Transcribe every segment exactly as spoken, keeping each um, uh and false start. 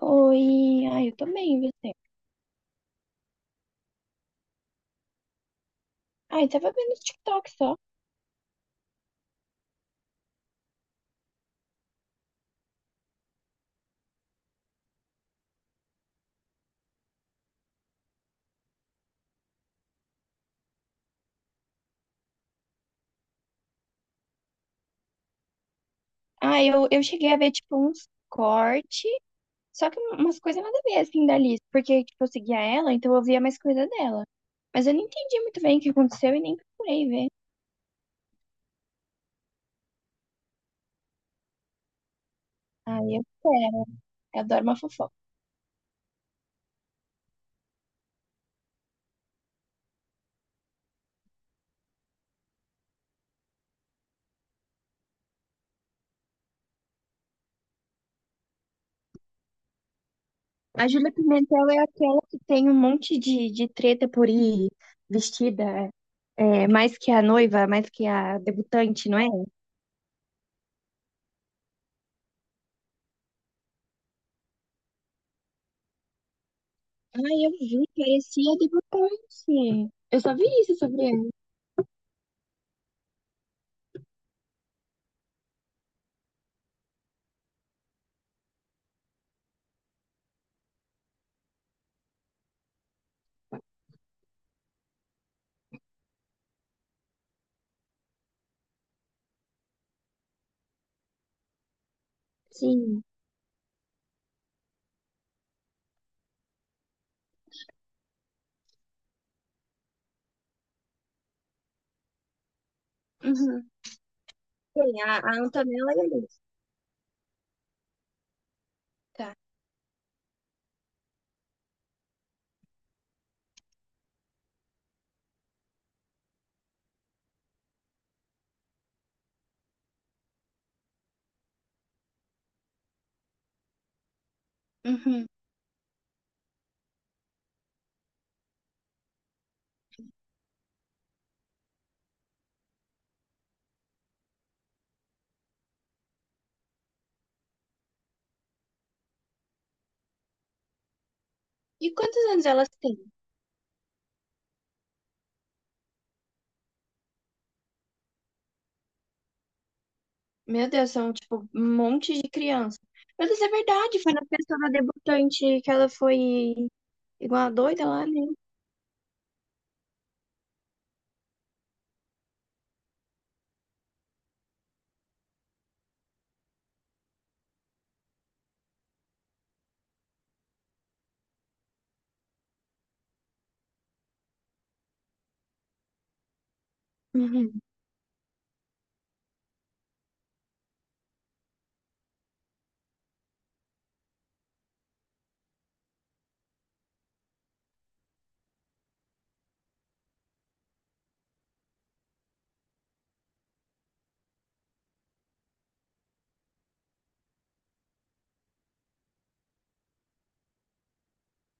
Oi, ai, eu também, você. Ai, tava vendo os TikTok só. Ah, eu, eu cheguei a ver, tipo, uns cortes, só que um- umas coisas nada a ver, assim, da Liz, porque, tipo, eu seguia ela, então eu via mais coisa dela. Mas eu não entendi muito bem o que aconteceu e nem procurei ver. Ai, eu quero, eu adoro uma fofoca. A Júlia Pimentel é aquela que tem um monte de, de treta por ir vestida, é, mais que a noiva, mais que a debutante, não é? Ai, eu vi, parecia debutante. Eu só vi isso sobre ela. Sim. Uhum. Sim, a, a Antonella e a Liz. Tá. Uhum. E quantos anos elas têm? Meu Deus, são tipo um monte de criança. Meu Deus, é verdade, foi na festa da debutante que ela foi igual a doida lá, né? Uhum.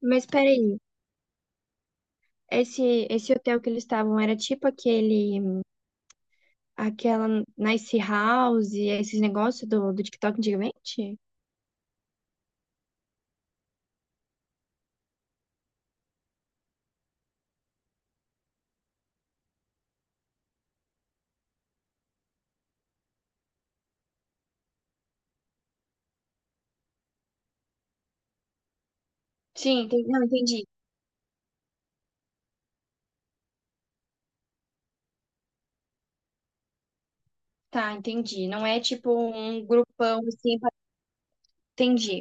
Mas peraí, esse, esse hotel que eles estavam era tipo aquele, aquela Nice House, esses negócios do, do TikTok antigamente? Sim, entendi. Não, entendi. Tá, entendi. Não é tipo um grupão assim, pra- entendi,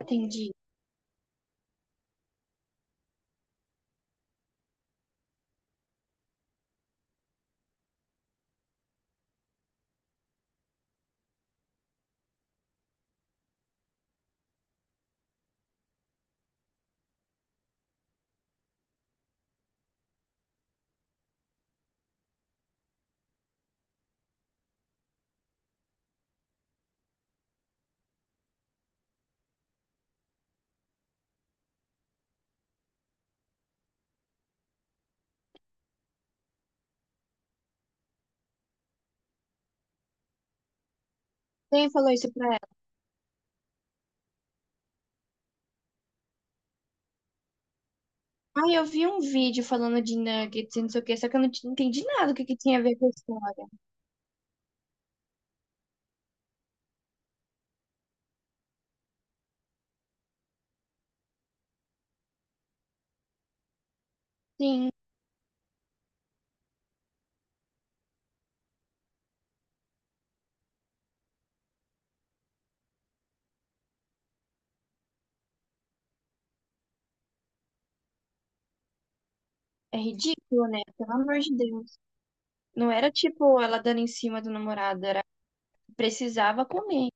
entendi. Quem falou isso pra ela? Ai, eu vi um vídeo falando de nuggets e não sei o que, só que eu não t- entendi nada do que, que tinha a ver com a história. Sim, é ridículo, né? Pelo amor de Deus. Não era tipo ela dando em cima do namorado, era precisava comer.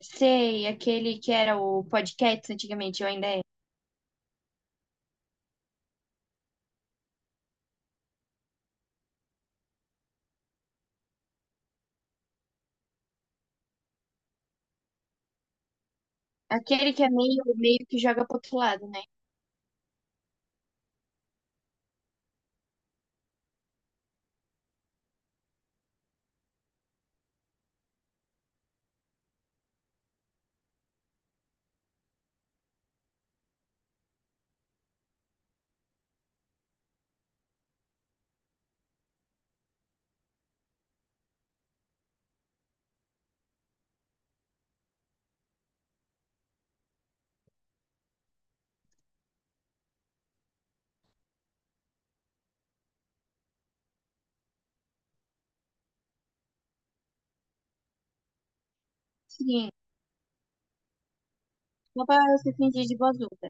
Sei, aquele que era o podcast antigamente, ou ainda é. Aquele que é meio, meio que joga pro outro lado, né? Sim, só pra se fingir de boazuda.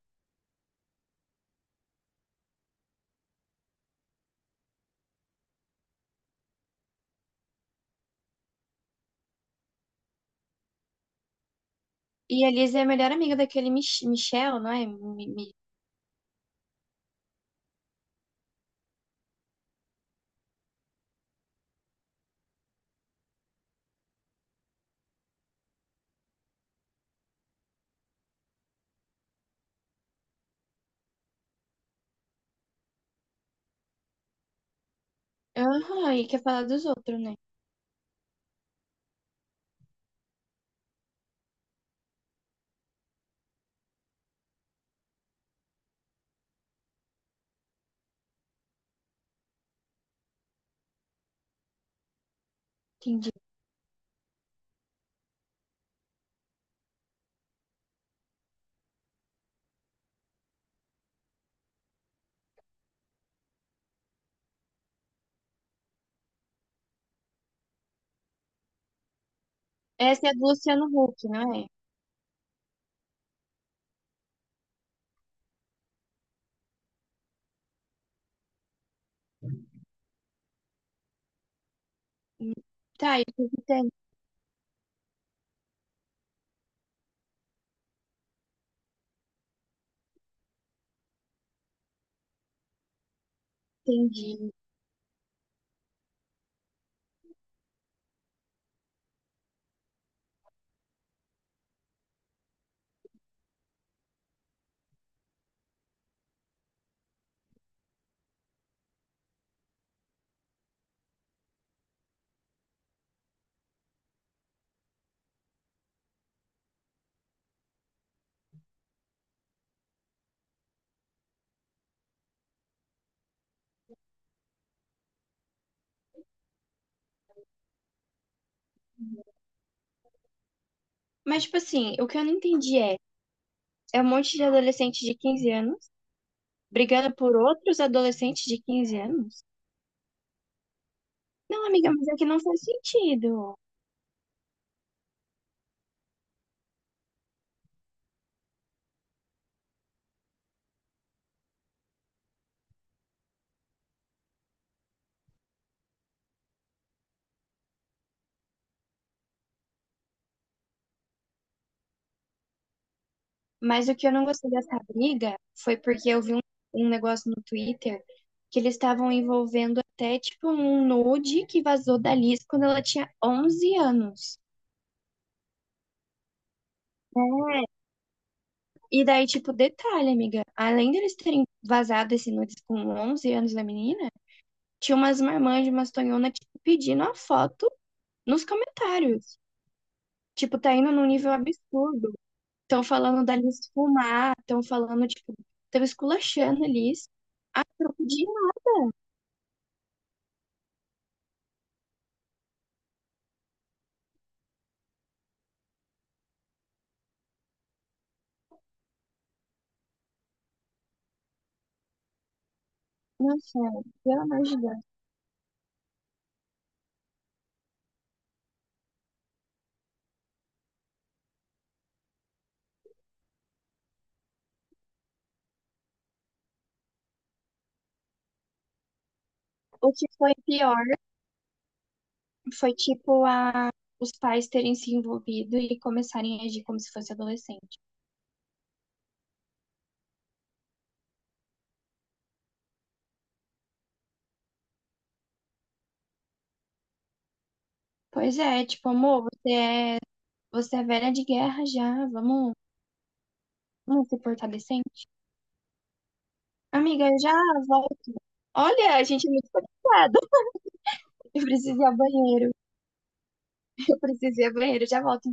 E a Liz é a melhor amiga daquele Mich Michel, não é? Mi- Mi- Aham, e quer falar dos outros, né? Entendi. Essa é a do Luciano Huck, não é? Hum. Tá, eu até entendi. Mas, tipo assim, o que eu não entendi é, é um monte de adolescente de quinze anos brigando por outros adolescentes de quinze anos? Não, amiga, mas é que não faz sentido. Mas o que eu não gostei dessa briga foi porque eu vi um, um negócio no Twitter que eles estavam envolvendo até, tipo, um nude que vazou da Liz quando ela tinha onze anos. Né? E daí, tipo, detalhe, amiga, além deles terem vazado esse nudes com onze anos da menina, tinha umas marmãs de umas tonhona, tipo, pedindo a foto nos comentários. Tipo, tá indo num nível absurdo. Estão falando da Liz fumar, estão falando, tipo, estão esculachando a Liz. Eu pedi uma- Nossa, pelo amor de Deus. O que foi pior foi, tipo, a... os pais terem se envolvido e começarem a agir como se fosse adolescente. Pois é, tipo, amor, você é, você é velha de guerra já, vamos Não, Uma supercadecente? Amiga, eu já volto. Olha, a gente é muito conectada. Eu preciso ir ao banheiro. Eu preciso ir ao banheiro. Já volto.